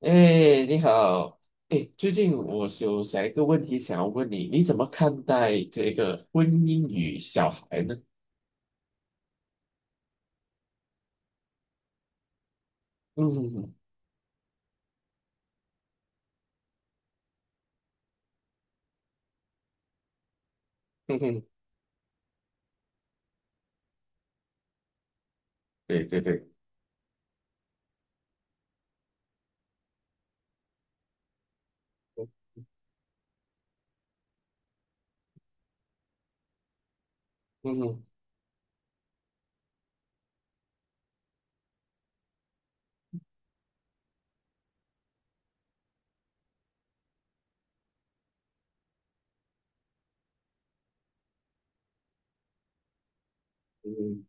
哎，你好。哎，最近我有想一个问题想要问你，你怎么看待这个婚姻与小孩呢？嗯哼哼。嗯哼。对对对。嗯哼。嗯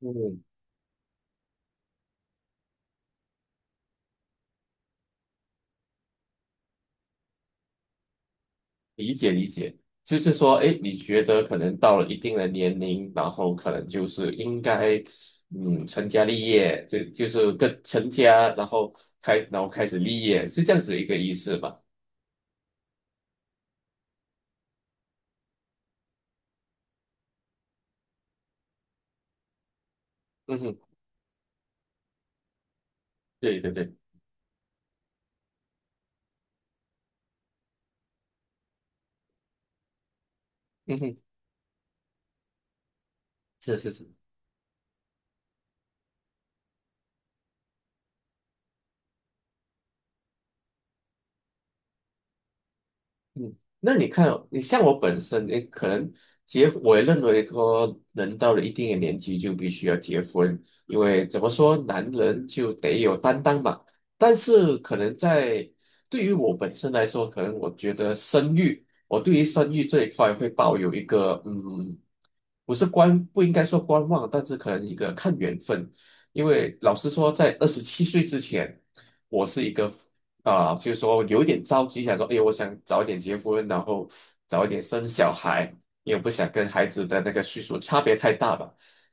嗯。理解理解，就是说，哎，你觉得可能到了一定的年龄，然后可能就是应该，成家立业，这就是跟成家，然后然后开始立业，是这样子一个意思吧？嗯哼。对对对。嗯哼。是是是。嗯，那你看哦，你像我本身，你可能我也认为说，人到了一定的年纪就必须要结婚，因为怎么说，男人就得有担当嘛。但是可能在对于我本身来说，可能我觉得生育，我对于生育这一块会抱有一个，不应该说观望，但是可能一个看缘分。因为老实说，在二十七岁之前，我是一个，就是说有点着急，想说，哎，我想早一点结婚，然后早一点生小孩，因为不想跟孩子的那个岁数差别太大吧。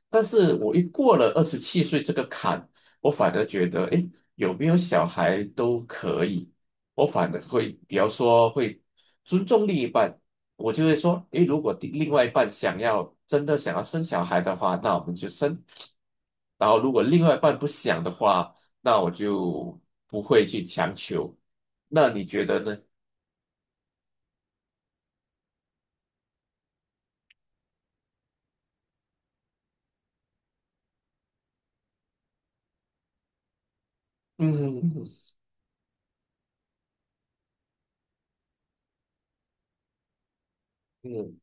但是我一过了二十七岁这个坎，我反而觉得，哎，有没有小孩都可以，我反而会比较说会尊重另一半，我就会说，哎，如果另外一半真的想要生小孩的话，那我们就生。然后，如果另外一半不想的话，那我就不会去强求。那你觉得呢？嗯嗯嗯嗯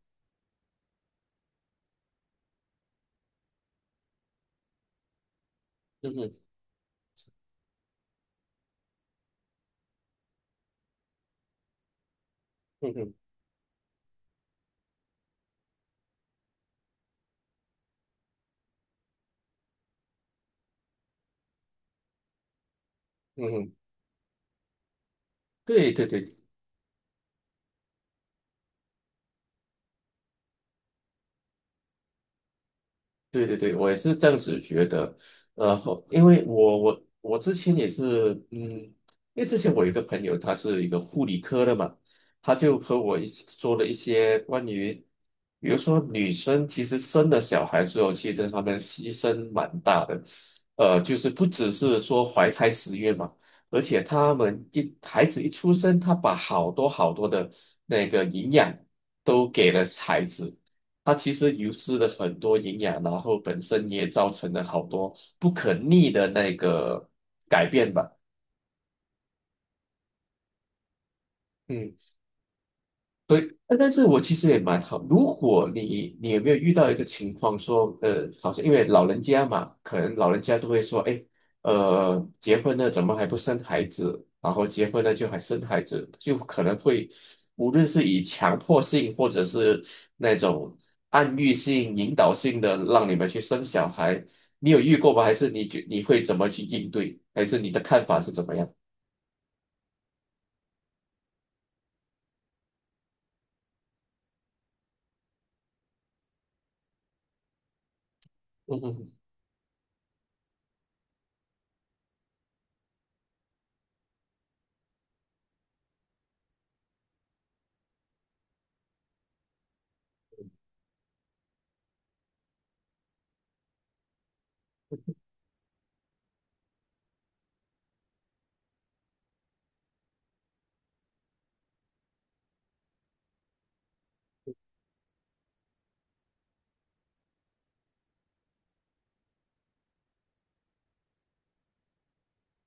嗯嗯。嗯。对对对对对对，我也是这样子觉得。因为我之前也是，因为之前我有一个朋友，他是一个护理科的嘛，他就和我一起做了一些关于，比如说女生其实生了小孩之后，其实她们牺牲蛮大的。就是不只是说怀胎十月嘛，而且她们一孩子一出生，她把好多好多的那个营养都给了孩子。它其实流失了很多营养，然后本身也造成了好多不可逆的那个改变吧。嗯。对，但是我其实也蛮好。如果你有没有遇到一个情况说，好像因为老人家嘛，可能老人家都会说，哎，结婚了怎么还不生孩子？然后结婚了就还生孩子，就可能会，无论是以强迫性或者是那种暗喻性、引导性的让你们去生小孩，你有遇过吗？还是你觉你会怎么去应对？还是你的看法是怎么样？嗯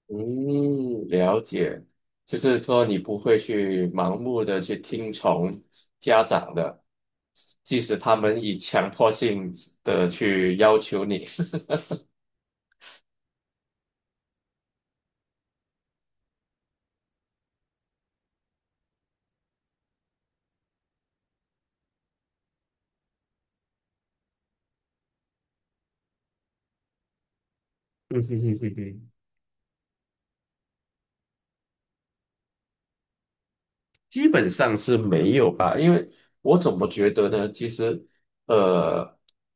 嗯。了解，就是说你不会去盲目的去听从家长的，即使他们以强迫性的去要求你。嗯哼哼哼哼。基本上是没有吧，因为我怎么觉得呢？其实，呃，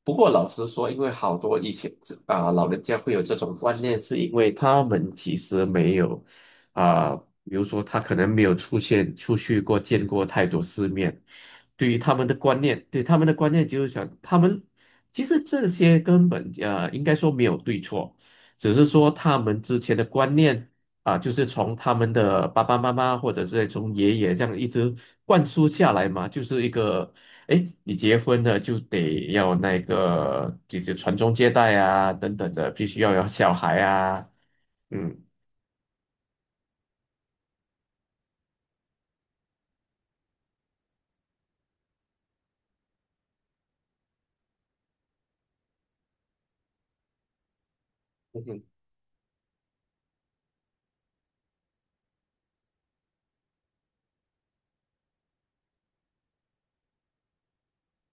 不过老实说，因为好多以前老人家会有这种观念，是因为他们其实没有啊、比如说他可能没有出现出去过，见过太多世面。对于他们的观念，对他们的观念就是想，他们其实这些根本应该说没有对错，只是说他们之前的观念。啊，就是从他们的爸爸妈妈或者是从爷爷这样一直灌输下来嘛，就是一个，哎，你结婚了就得要那个，就是传宗接代啊，等等的，必须要有小孩啊。嗯。嗯哼。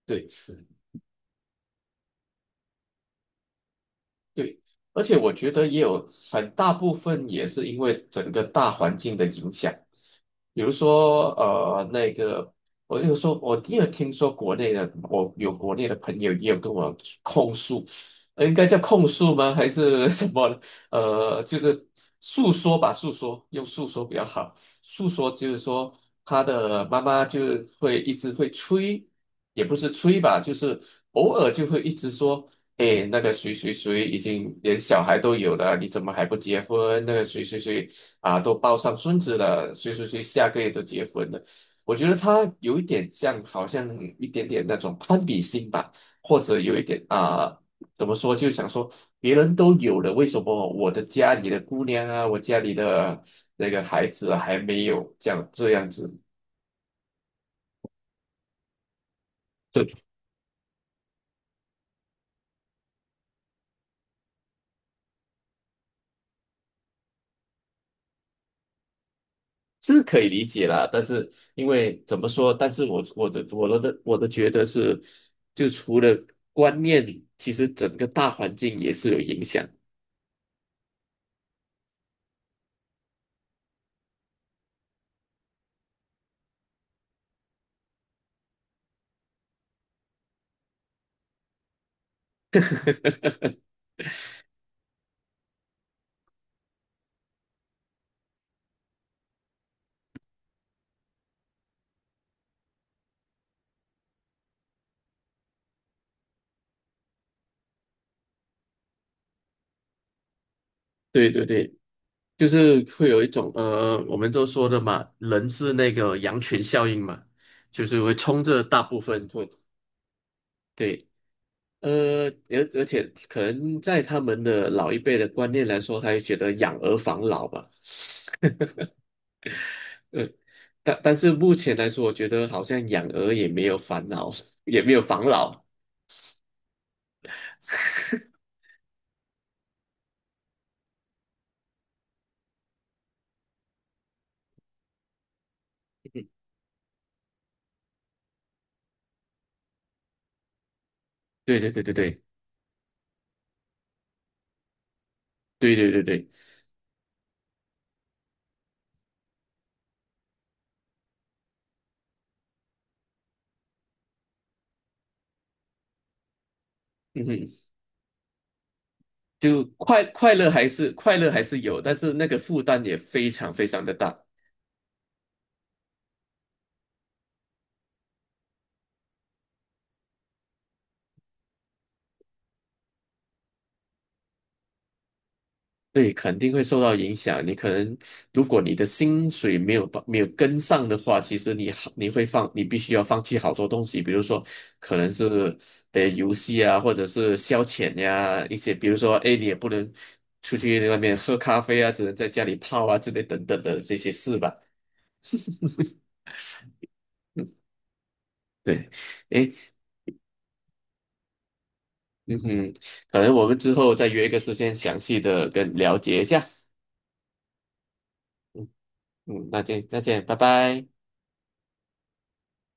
对对，而且我觉得也有很大部分也是因为整个大环境的影响。比如说，那个，我就说，我也有听说国内的，我有国内的朋友也有跟我控诉。应该叫控诉吗？还是 什么呢就是诉说吧，诉说，用诉说比较好。诉说就是说，他的妈妈就会一直会催，也不是催吧，就是偶尔就会一直说，诶，那个谁谁谁已经连小孩都有了，你怎么还不结婚？那个谁谁谁啊，都抱上孙子了，谁谁谁下个月都结婚了。我觉得他有一点像，好像一点点那种攀比心吧，或者有一点啊，怎么说，就想说别人都有了，为什么我的家里的姑娘啊，我家里的那个孩子啊还没有这样这样子？是可以理解啦，但是因为怎么说？但是我的觉得是，就除了观念，其实整个大环境也是有影响。对对对，就是会有一种我们都说的嘛，人是那个羊群效应嘛，就是会冲着大部分会对。而且可能在他们的老一辈的观念来说，他就觉得养儿防老吧。对，但但是目前来说，我觉得好像养鹅也没有烦恼，也没有防老。对对对对对对对对对。嗯哼。就快乐还是有，但是那个负担也非常非常的大。对，肯定会受到影响。你可能，如果你的薪水没有跟上的话，其实你会放，你必须要放弃好多东西。比如说可能是游戏啊，或者是消遣呀、一些比如说哎你也不能出去外面喝咖啡啊，只能在家里泡啊之类等等的这些事吧。对。哎。嗯哼。可能我们之后再约一个时间详细的跟了解一下。嗯，那这再这样拜拜。